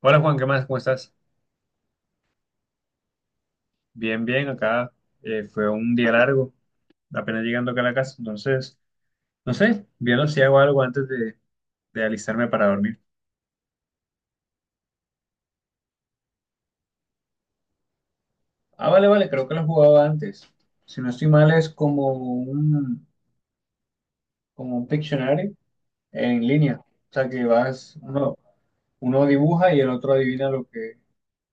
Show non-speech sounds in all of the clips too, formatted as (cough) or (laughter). Hola Juan, ¿qué más? ¿Cómo estás? Bien, bien, acá fue un día largo, apenas llegando acá a la casa, entonces, no sé, viendo si hago algo antes de alistarme para dormir. Ah, vale, vale, creo que lo jugaba antes. Si no estoy mal, es como como un Pictionary en línea. O sea, que vas, uno dibuja y el otro adivina lo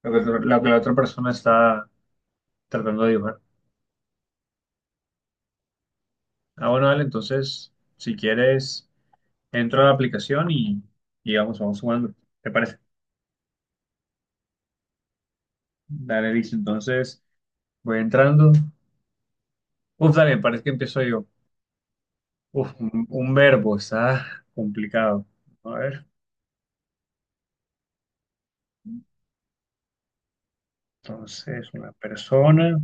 lo lo que la otra persona está tratando de dibujar. Ah, bueno, vale, entonces, si quieres. Entro a la aplicación y vamos jugando. ¿Te parece? Dale, dice. Entonces, voy entrando. Uf, dale, parece que empiezo yo. Uf, un verbo, está complicado. A ver, entonces, una persona.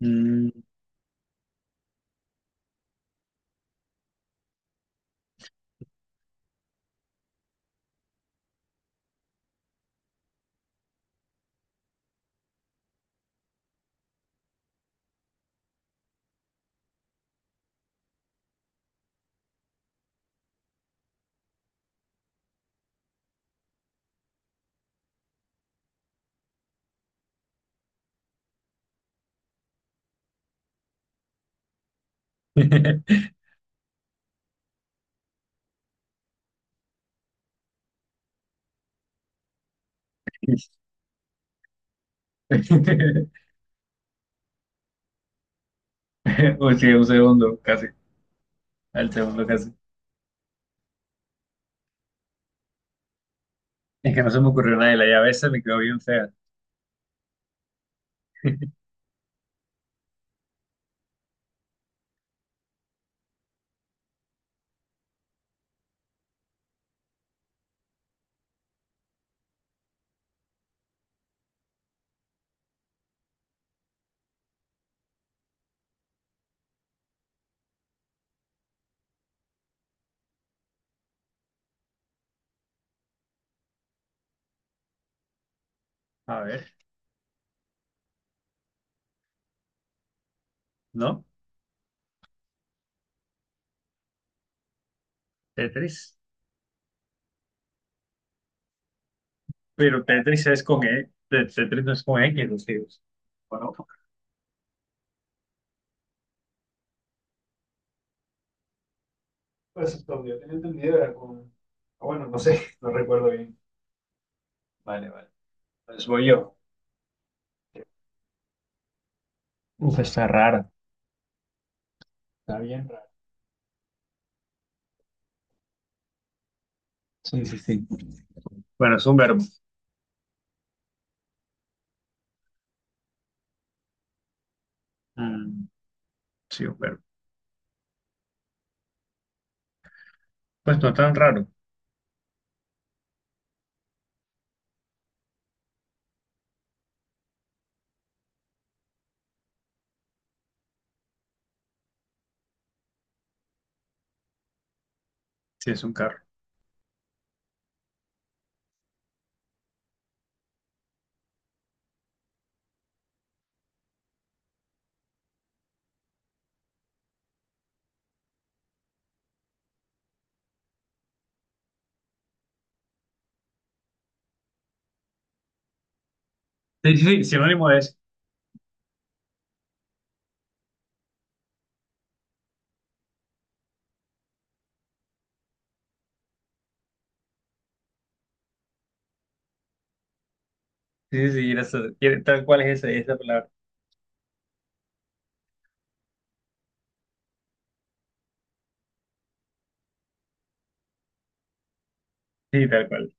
Mm. (laughs) Uy, sí, un segundo, casi. Al segundo, casi. Es que no se me ocurrió nada y la llave esa me quedó bien fea. (laughs) A ver, ¿no? Tetris. Pero Tetris es con E. Tetris no es con X, los tíos. Bueno, pues lo que yo tenía entendido era con... Ah, bueno, no sé, (laughs) no recuerdo bien. Vale, vale. Pues voy yo. Uf, está raro. Está bien raro. Sí, sí, sí. Bueno, es un verbo. Mm, sí, un verbo. Pues no tan raro. Sí, es un carro. Sí, sí, sí, sinónimo de eso. Sí, sí, sí, era eso. Tal cual es esa palabra. Sí, tal cual.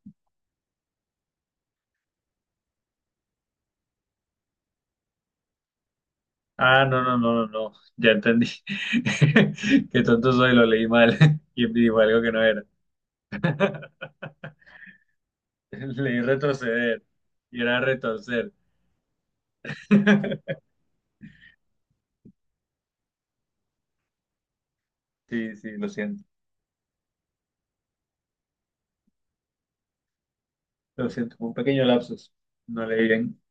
Ah, no, no, no, no, no. Ya entendí. (laughs) Qué tonto soy, lo leí mal. (laughs) Y digo algo que no era. (laughs) Leí retroceder. Y era retorcer. (laughs) Sí, sí, lo siento. Lo siento, un pequeño lapsus. No leí bien.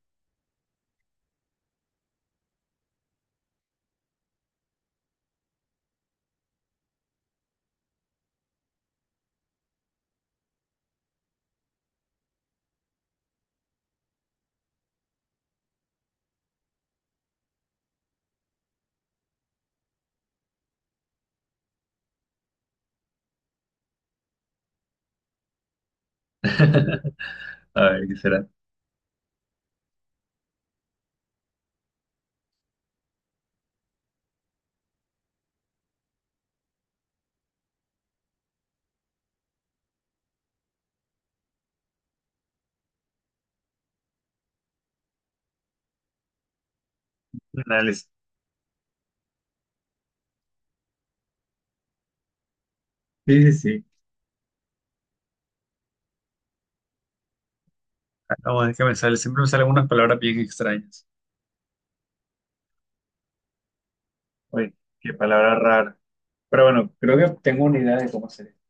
(laughs) A ver, ¿qué será? Análisis. Sí, sí, sí. Acabo de que me sale. Siempre me salen unas palabras bien extrañas. Oye, qué palabra rara. Pero bueno, creo que tengo una idea de cómo hacer esto.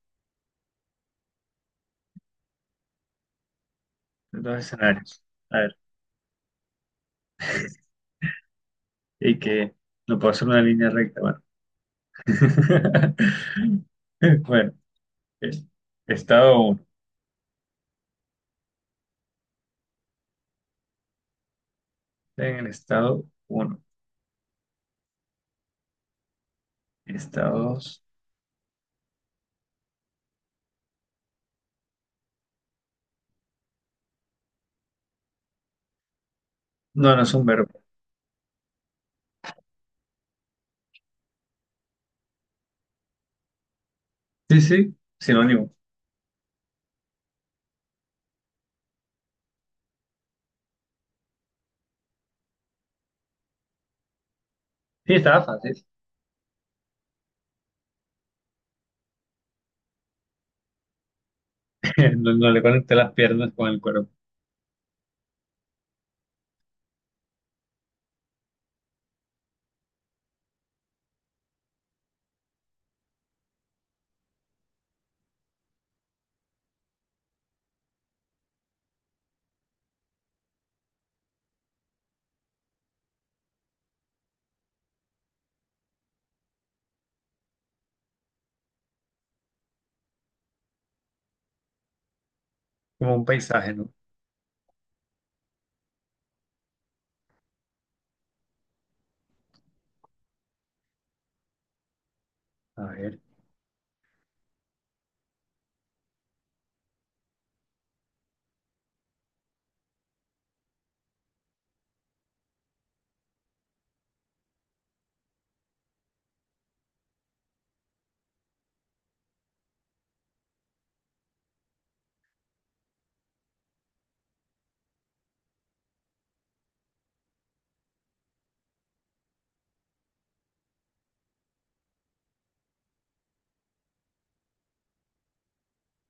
Dos escenarios. A ver, y que no puedo hacer una línea recta. Bueno, (laughs) bueno, eh, estado uno. En el estado uno. Estado dos. No, no es un verbo. Sí, sí, sinónimo. Sí, estaba fácil. (laughs) No, no le conecté las piernas con el cuerpo. Como un paisaje, ¿no? A ver.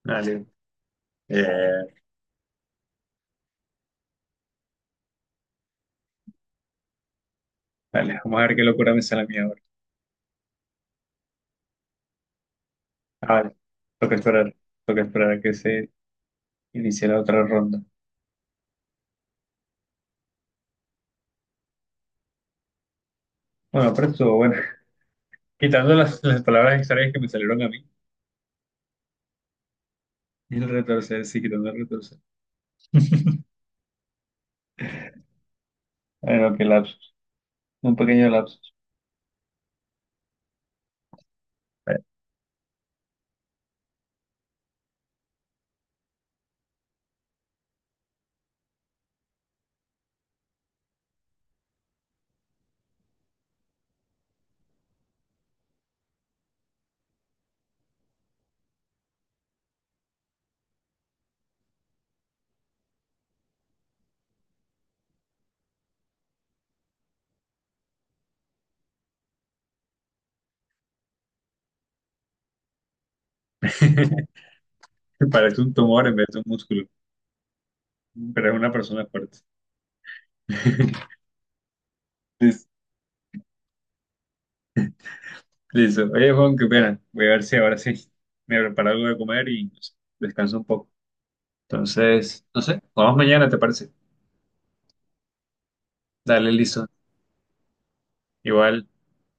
Dale. Eh, dale, vamos a ver qué locura me sale a mí ahora. Ah, vale. Toca esperar. Toca esperar a que se inicie la otra ronda. Bueno, pero estuvo bueno. (laughs) Quitando las palabras extrañas que me salieron a mí. Y el retorcer, sí, quitando el retorcer. Bueno, qué lapsus. Un pequeño lapsus. (laughs) Parece un tumor en vez de un músculo. Pero es una persona fuerte. (laughs) Listo. Listo. Oye, Juan, qué pena. Voy a ver si ahora sí me preparo algo de comer y no sé, descanso un poco. Entonces, no sé, vamos mañana, ¿te parece? Dale, listo. Igual.